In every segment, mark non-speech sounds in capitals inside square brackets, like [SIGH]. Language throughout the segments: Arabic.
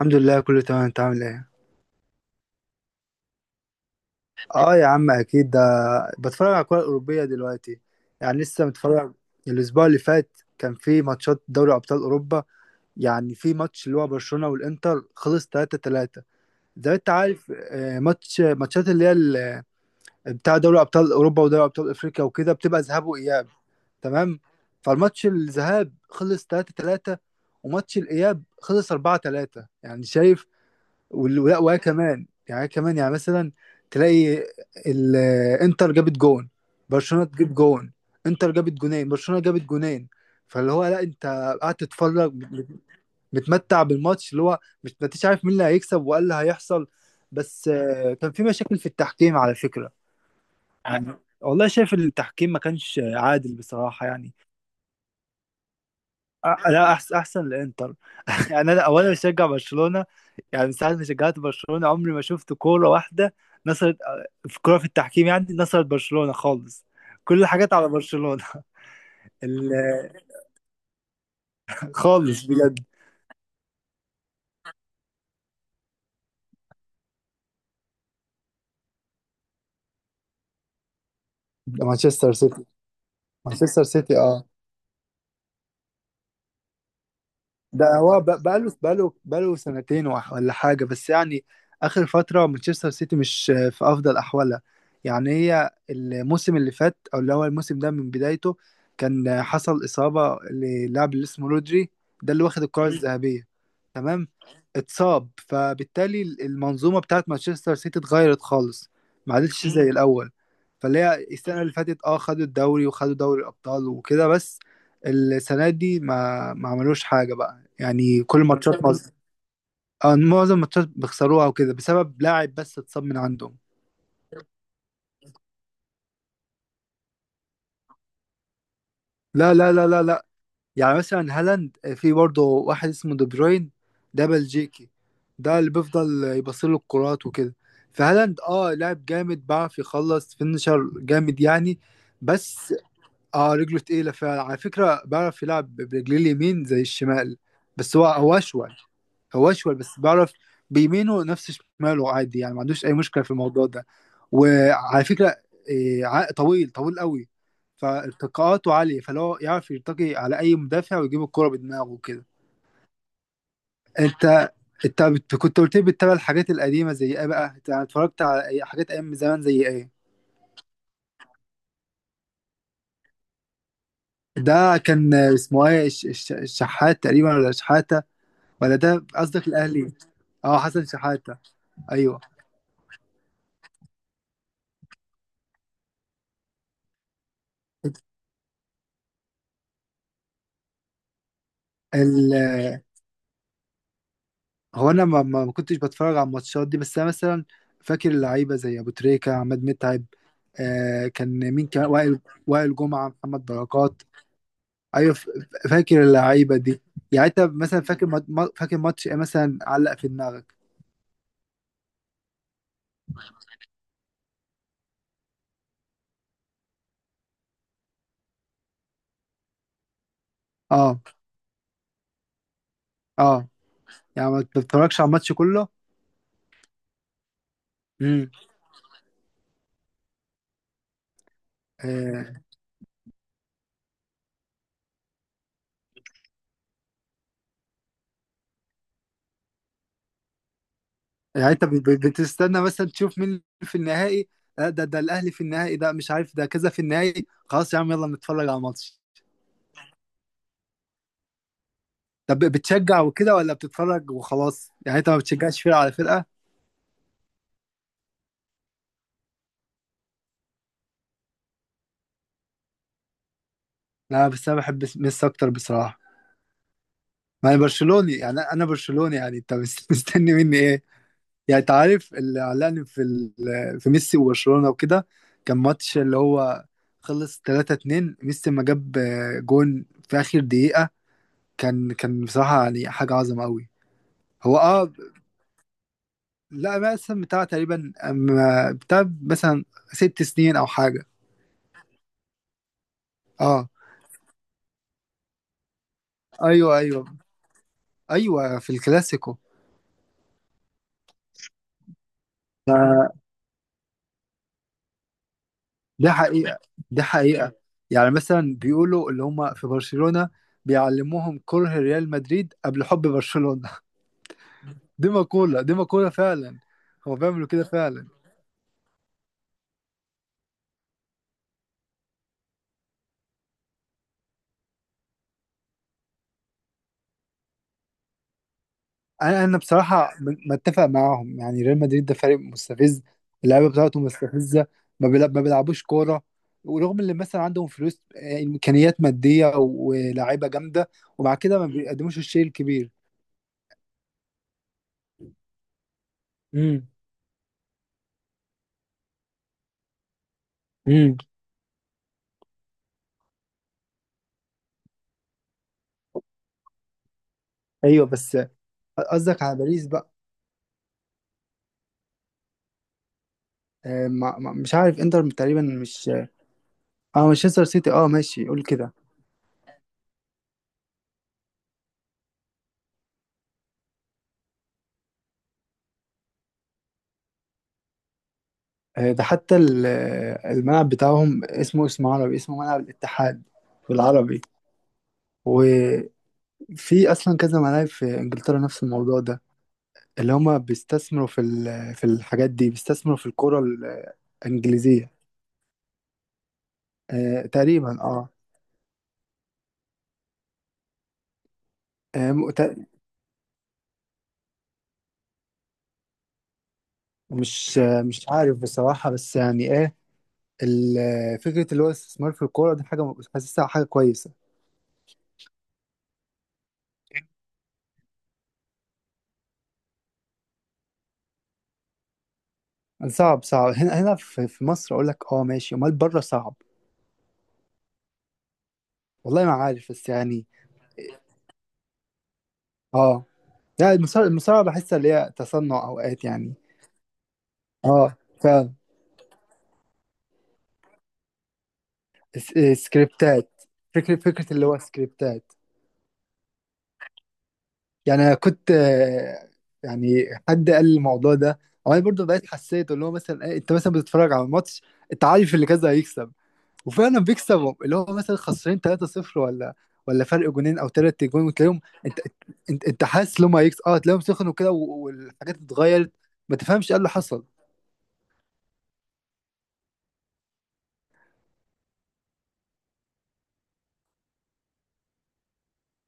الحمد لله، كله تمام. انت عامل ايه؟ اه يا عم، اكيد ده. بتفرج على الكرة الأوروبية دلوقتي، يعني لسه متفرج. الأسبوع اللي فات كان في ماتشات دوري أبطال أوروبا، يعني في ماتش اللي هو برشلونة والإنتر خلص 3-3. زي ما انت عارف، ماتشات اللي هي بتاع دوري أبطال أوروبا ودوري أبطال أفريقيا وكده، بتبقى ذهاب وإياب. تمام. فالماتش الذهاب خلص 3-3، وماتش الإياب خلص 4-3، يعني شايف؟ وال- ولا وهي كمان، يعني هي كمان يعني مثلا تلاقي الانتر جابت جون، برشلونة تجيب جون، انتر جابت جونين، برشلونة جابت جونين. فاللي هو، لا، انت قاعد تتفرج متمتع بالماتش، اللي هو مش ما انتش عارف مين اللي هيكسب وايه اللي هيحصل. بس كان في مشاكل في التحكيم، على فكرة، يعني. والله شايف التحكيم ما كانش عادل بصراحة، يعني. لا، احسن، احسن الانتر. [LAUGHS] يعني انا اولا بشجع برشلونه، يعني من ساعه ما شجعت برشلونه عمري ما شفت كوره واحده نصرت في كوره في التحكيم، يعني نصرت برشلونه خالص، كل الحاجات على برشلونه. [LAUGHS] ال- خالص بجد. مانشستر سيتي. مانشستر سيتي، اه. ده هو بقاله سنتين ولا حاجة، بس يعني آخر فترة مانشستر سيتي مش في أفضل أحوالها. يعني هي الموسم اللي فات، أو اللي هو الموسم ده من بدايته، كان حصل إصابة للاعب اللي اسمه رودري. ده اللي واخد الكرة الذهبية. تمام. اتصاب، فبالتالي المنظومة بتاعت مانشستر سيتي اتغيرت خالص. ما عادتش زي الأول. فاللي هي السنة اللي فاتت، خدوا الدوري وخدوا دوري الأبطال وكده، بس السنة دي ما عملوش حاجة بقى، يعني كل ماتشات مصر، معظم الماتشات بيخسروها وكده، بسبب لاعب بس اتصاب من عندهم. لا، لا، لا، لا، لا. يعني مثلا هالاند، في برضه واحد اسمه دي بروين، ده بلجيكي. ده اللي بيفضل يبصله الكرات وكده، فهالاند لاعب جامد، بيعرف يخلص فينشر جامد، يعني. بس. اه، رجله تقيلة فعلا على فكرة، بعرف يلعب برجليه اليمين زي الشمال. بس هو أشول. هو أشول، بس بعرف بيمينه نفس شماله، عادي يعني، ما عندوش أي مشكلة في الموضوع ده. وعلى فكرة طويل، طويل قوي، فارتقاءاته عالية، فلو يعرف يرتقي على أي مدافع ويجيب الكرة بدماغه كده. انت انت كنت قلت لي بتتابع الحاجات القديمه زي ايه بقى؟ انت اتفرجت على أي حاجات ايام زمان زي ايه؟ ده كان اسمه ايه، الشحات تقريبا، ولا شحاته؟ ولا ده قصدك الاهلي؟ اه، حسن شحاته. ايوه. ال... هو انا ما كنتش بتفرج على الماتشات دي، بس انا مثلا فاكر اللعيبه زي ابو تريكه، عماد متعب، كان مين، كان وائل، وائل جمعه، محمد بركات. ايوه، فاكر اللعيبه دي. يعني انت مثلا فاكر مات- ما- فاكر ماتش ايه مثلا علق في دماغك؟ اه. اه. يعني ما بتتفرجش على الماتش كله. امم. يعني انت بتستنى مثلا تشوف مين في النهائي، ده الاهلي في النهائي، ده مش عارف، ده كذا في النهائي، خلاص يا عم يلا نتفرج على ماتش. طب بتشجع وكده ولا بتتفرج وخلاص؟ يعني انت ما بتشجعش فرقه على فرقه. لا، بس انا بحب ميسي اكتر بصراحه. ما انا برشلوني، يعني انا برشلوني، يعني انت [LAUGHS] مستني مني ايه؟ يعني انت عارف اللي علقني في [LAUGHS] في ميسي وبرشلونه وكده. كان ماتش اللي هو خلص 3-2، ميسي ما جاب جون في اخر دقيقه. كان بصراحه، يعني حاجه عظمه قوي. هو، اه، لا مثلا بتاع تقريبا بتاع مثلا 6 سنين او حاجه. اه. ايوه، ايوه، ايوه في الكلاسيكو. ف- ده حقيقه، ده حقيقه. يعني مثلا بيقولوا اللي هم في برشلونه بيعلموهم كره ريال مدريد قبل حب برشلونه. [LAUGHS] دي مقوله، دي مقوله فعلا. هو بيعملوا كده فعلا. انا بصراحه متفق معاهم، يعني ريال مدريد ده فريق مستفز، اللعيبه بتاعته مستفزه. ما بيلعبوش كوره، ورغم اللي مثلا عندهم فلوس، امكانيات ماديه ولاعيبه جامده، ومع كده ما بيقدموش الشيء الكبير. امم، امم. ايوه، بس قصدك على باريس بقى؟ مش عارف، انتر تقريبا مش. اه، مانشستر سيتي، اه، ماشي قول كده. ده حتى الملعب بتاعهم اسمه اسم عربي، اسمه ملعب الاتحاد، بالعربي. في اصلا كذا ملاعب في انجلترا نفس الموضوع ده، اللي هما بيستثمروا في الحاجات دي، بيستثمروا في الكرة الانجليزية. آه، تقريبا آه م- تق- مش عارف بصراحة، بس يعني ايه، فكرة اللي هو الاستثمار في الكورة دي حاجة حاسسها حاجة كويسة. صعب، صعب هنا، هنا في مصر أقول لك، اه ماشي، أمال بره صعب. والله ما عارف، بس يعني. اه، لا، المصارعة، المصارعة بحسها اللي هي تصنع أوقات، يعني. اه. سكريبتات، فكرة، اللي هو سكريبتات. يعني أنا كنت، يعني حد قال لي الموضوع ده، أو أنا برضه بقيت حسيت اللي هو مثلا، أنت مثلا بتتفرج على الماتش، أنت عارف اللي كذا هيكسب، وفعلا بيكسبوا اللي هو مثلا خسرين 3-0، ولا، ولا فرق جونين أو تلات جون، وتلاقيهم، أنت أنت حاسس إن هم هيكسبوا، تلاقيهم سخنوا كده، والحاجات اتغيرت، ما تفهمش إيه اللي حصل.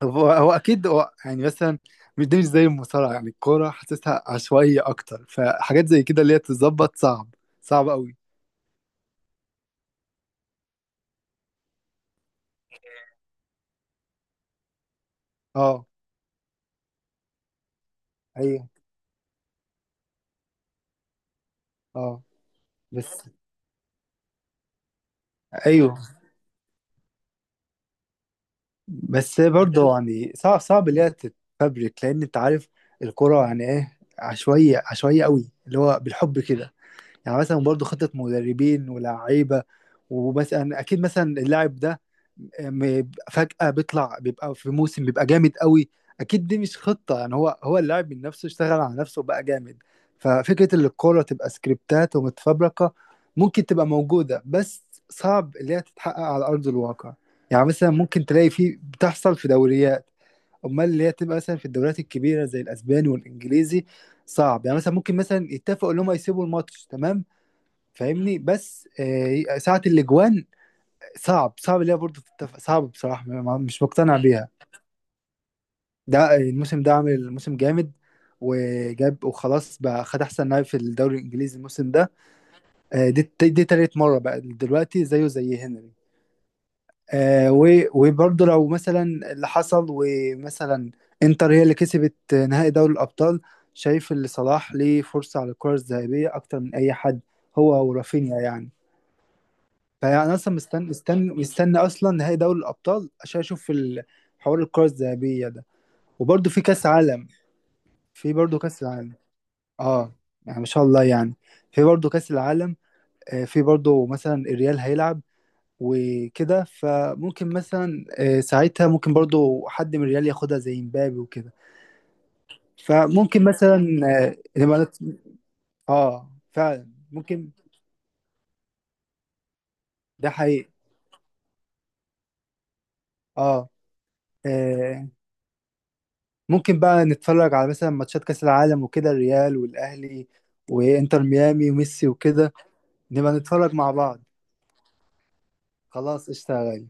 طب هو اكيد، هو يعني مثلا مش دي، مش زي المصارعه، يعني الكوره حاسسها عشوائيه اكتر، فحاجات زي كده اللي هي تتظبط صعب، صعب قوي. اه، ايوه، اه، بس ايوه. بس برضه، يعني صعب، صعب اللي هي تتفبرك، لان انت عارف الكوره يعني ايه، عشوائيه، عشوائيه قوي، اللي هو بالحب كده. يعني مثلا برضو خطة مدربين ولاعيبة، ومثلا اكيد مثلا اللاعب ده فجأة بيطلع، بيبقى في موسم بيبقى جامد قوي. اكيد دي مش خطة، يعني هو اللاعب من نفسه اشتغل على نفسه وبقى جامد. ففكرة ان الكورة تبقى سكريبتات ومتفبركة ممكن تبقى موجودة، بس صعب اللي هي تتحقق على ارض الواقع. يعني مثلا ممكن تلاقي في، بتحصل في دوريات، امال اللي هي تبقى مثلا في الدوريات الكبيرة زي الاسباني والانجليزي صعب، يعني مثلا ممكن مثلا يتفقوا ان هم يسيبوا الماتش، تمام، فاهمني، بس ساعة الاجوان صعب، صعب اللي هي برضه تتفق، صعب بصراحة، مش مقتنع بيها. ده الموسم ده عامل موسم جامد، وجاب، وخلاص بقى خد احسن لاعب في الدوري الانجليزي الموسم ده. دي تالت مرة بقى دلوقتي، زيه زي هنري. وبرضه لو مثلا اللي حصل، ومثلا انتر هي اللي كسبت نهائي دوري الابطال، شايف ان صلاح ليه فرصة على الكرة الذهبية اكتر من اي حد، هو ورافينيا يعني. فيعني انا اصلا مستني، مستني، مستني اصلا نهائي دوري الابطال عشان اشوف حوار الكرة الذهبية ده، وبرده في كاس عالم، في برده كاس العالم. اه، يعني ما شاء الله يعني، في برده كاس العالم. في برده مثلا الريال هيلعب وكده، فممكن مثلا، ساعتها ممكن برده حد من الريال ياخدها زي مبابي وكده. فممكن مثلا، نبقى اه فعلا ممكن، ده حقيقي. اه، آه، ممكن بقى نتفرج على مثلا ماتشات كأس العالم وكده، الريال والأهلي وإنتر ميامي وميسي وكده، نبقى نتفرج مع بعض. خلاص، اشتغل.